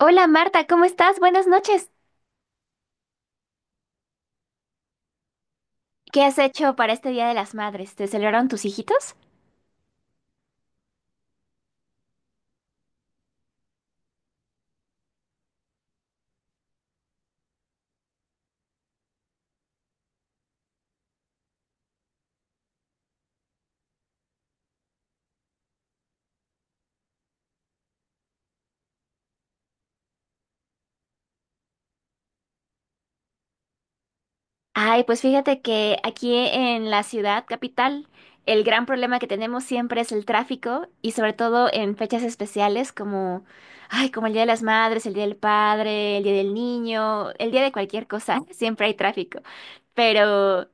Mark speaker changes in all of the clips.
Speaker 1: Hola Marta, ¿cómo estás? Buenas noches. ¿Qué has hecho para este Día de las Madres? ¿Te celebraron tus hijitos? Ay, pues fíjate que aquí en la ciudad capital, el gran problema que tenemos siempre es el tráfico y sobre todo en fechas especiales como el Día de las Madres, el Día del Padre, el Día del Niño, el Día de cualquier cosa, siempre hay tráfico. Pero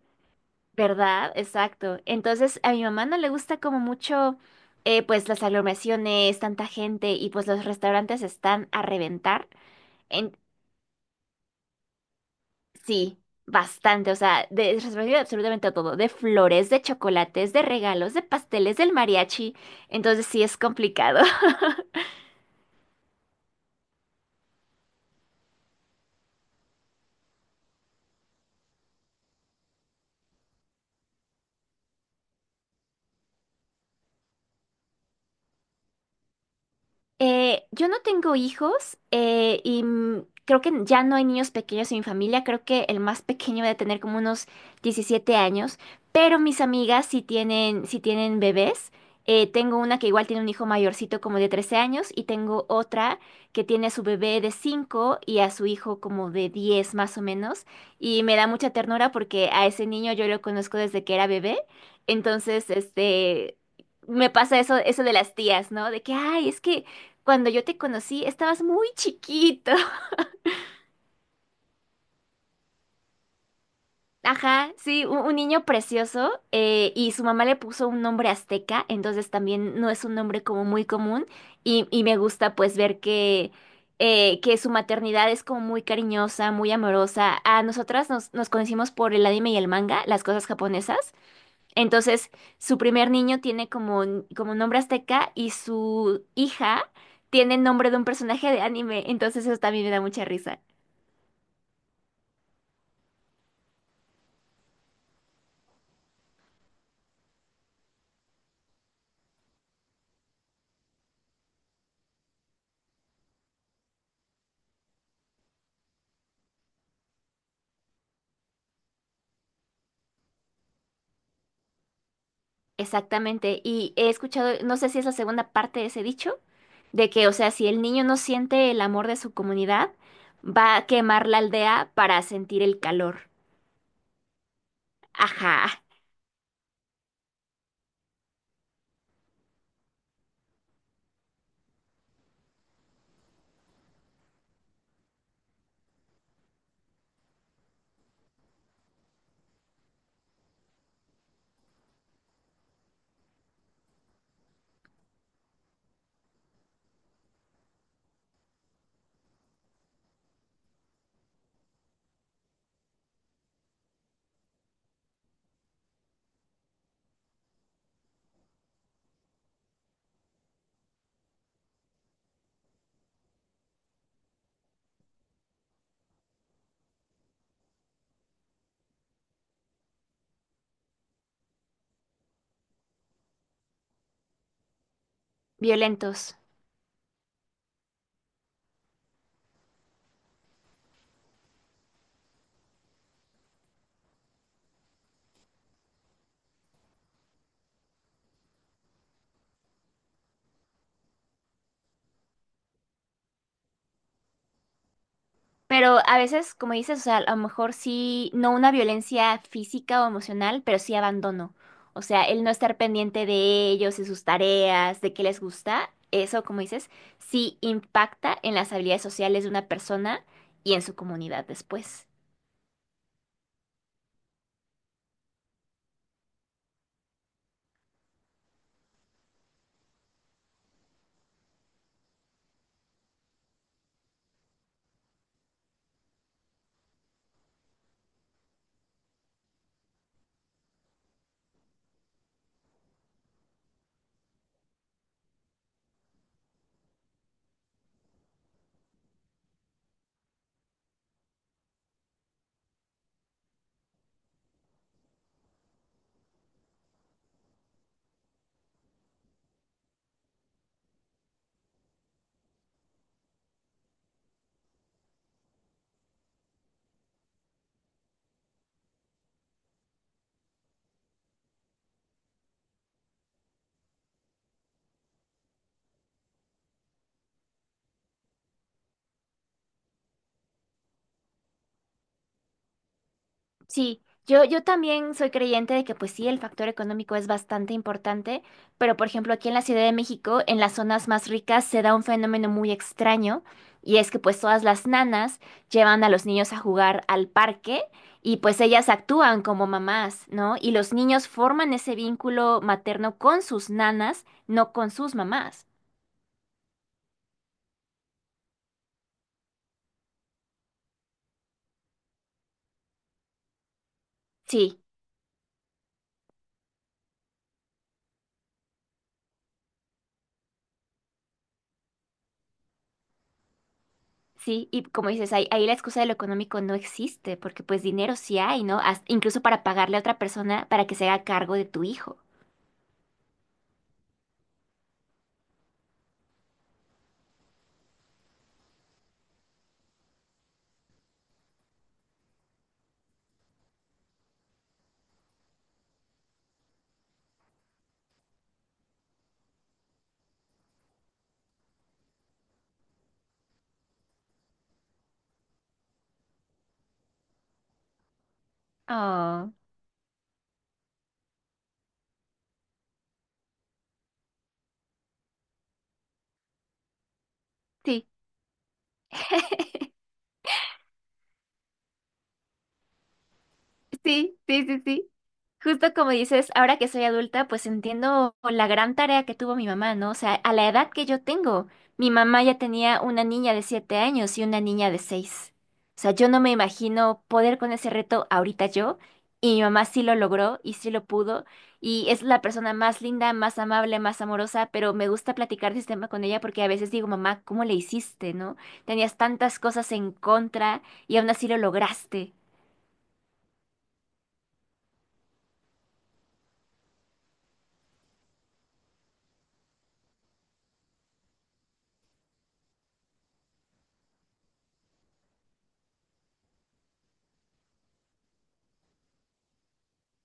Speaker 1: ¿verdad? Exacto. Entonces, a mi mamá no le gusta como mucho, pues las aglomeraciones, tanta gente y pues los restaurantes están a reventar. En... Sí, bastante. O sea, es respectivo de absolutamente todo. De flores, de chocolates, de regalos, de pasteles, del mariachi. Entonces, sí es complicado. Yo no tengo hijos, creo que ya no hay niños pequeños en mi familia. Creo que el más pequeño debe tener como unos 17 años, pero mis amigas sí tienen bebés. Tengo una que igual tiene un hijo mayorcito como de 13 años y tengo otra que tiene a su bebé de 5 y a su hijo como de 10 más o menos. Y me da mucha ternura porque a ese niño yo lo conozco desde que era bebé. Entonces, este... Me pasa eso de las tías, ¿no? De que, ay, es que cuando yo te conocí, estabas muy chiquito. Ajá, sí, un niño precioso. Y su mamá le puso un nombre azteca, entonces también no es un nombre como muy común. Y me gusta pues ver que su maternidad es como muy cariñosa, muy amorosa. A nosotras nos conocimos por el anime y el manga, las cosas japonesas. Entonces, su primer niño tiene como nombre azteca y su hija tiene el nombre de un personaje de anime. Entonces, eso también me da mucha risa. Exactamente, y he escuchado, no sé si es la segunda parte de ese dicho, de que, o sea, si el niño no siente el amor de su comunidad, va a quemar la aldea para sentir el calor. Ajá, violentos. Pero a veces, como dices, o sea, a lo mejor sí, no una violencia física o emocional, pero sí abandono. O sea, el no estar pendiente de ellos, de sus tareas, de qué les gusta, eso, como dices, sí impacta en las habilidades sociales de una persona y en su comunidad después. Sí, yo también soy creyente de que pues sí, el factor económico es bastante importante, pero por ejemplo aquí en la Ciudad de México, en las zonas más ricas, se da un fenómeno muy extraño y es que pues todas las nanas llevan a los niños a jugar al parque y pues ellas actúan como mamás, ¿no? Y los niños forman ese vínculo materno con sus nanas, no con sus mamás. Sí. Sí, y como dices, ahí la excusa de lo económico no existe, porque pues dinero sí hay, ¿no? Hasta- incluso para pagarle a otra persona para que se haga cargo de tu hijo. Oh, sí, sí, sí, sí, sí. Justo como dices, ahora que soy adulta, pues entiendo la gran tarea que tuvo mi mamá, ¿no? O sea, a la edad que yo tengo, mi mamá ya tenía una niña de 7 años y una niña de seis. O sea, yo no me imagino poder con ese reto ahorita yo, y mi mamá sí lo logró y sí lo pudo, y es la persona más linda, más amable, más amorosa, pero me gusta platicar de este tema con ella porque a veces digo, mamá, ¿cómo le hiciste, no? Tenías tantas cosas en contra y aún así lo lograste.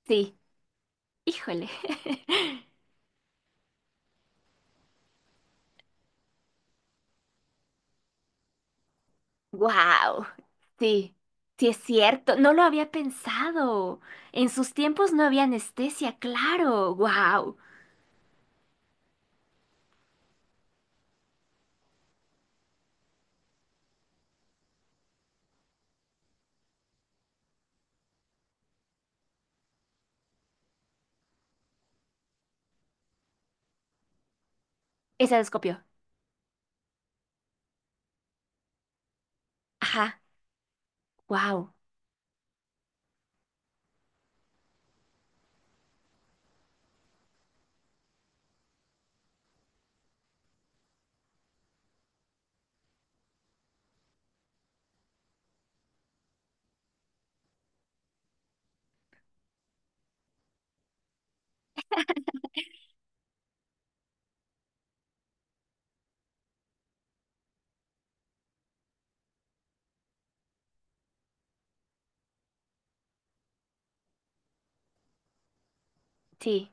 Speaker 1: Sí, híjole. Wow, sí, sí es cierto, no lo había pensado. En sus tiempos no había anestesia, claro, wow. Esa descopió. Ajá, wow, sí.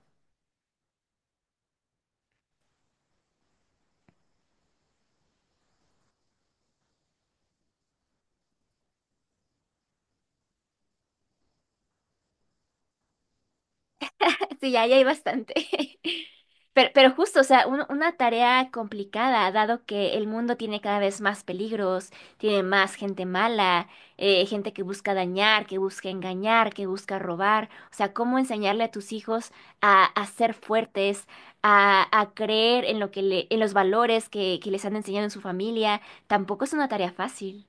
Speaker 1: Sí, ya, ya hay bastante. Pero justo, o sea, un- una tarea complicada, dado que el mundo tiene cada vez más peligros, tiene más gente mala, gente que busca dañar, que busca engañar, que busca robar. O sea, ¿cómo enseñarle a tus hijos a ser fuertes, a creer en lo que le, en los valores que les han enseñado en su familia? Tampoco es una tarea fácil.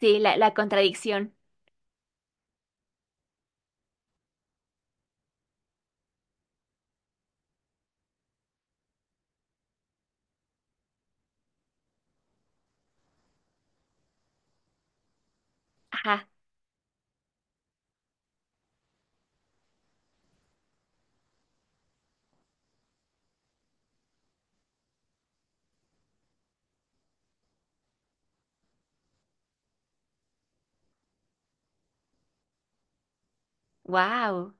Speaker 1: Sí, la contradicción. Ajá. Wow.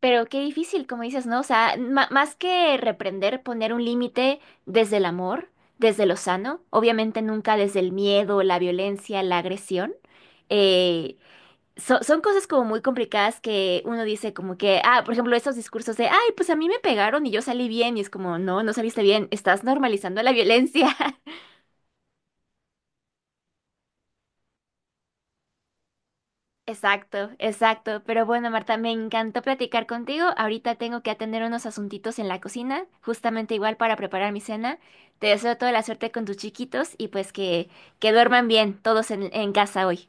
Speaker 1: Pero qué difícil, como dices, ¿no? O sea, ma- más que reprender, poner un límite desde el amor, desde lo sano, obviamente nunca desde el miedo, la violencia, la agresión. Eh, so- son cosas como muy complicadas que uno dice como que, ah, por ejemplo, esos discursos de, ay, pues a mí me pegaron y yo salí bien, y es como, no, no saliste bien, estás normalizando la violencia. Exacto, exacto. Pero bueno, Marta, me encantó platicar contigo. Ahorita tengo que atender unos asuntitos en la cocina, justamente igual para preparar mi cena. Te deseo toda la suerte con tus chiquitos y pues que duerman bien todos en casa hoy.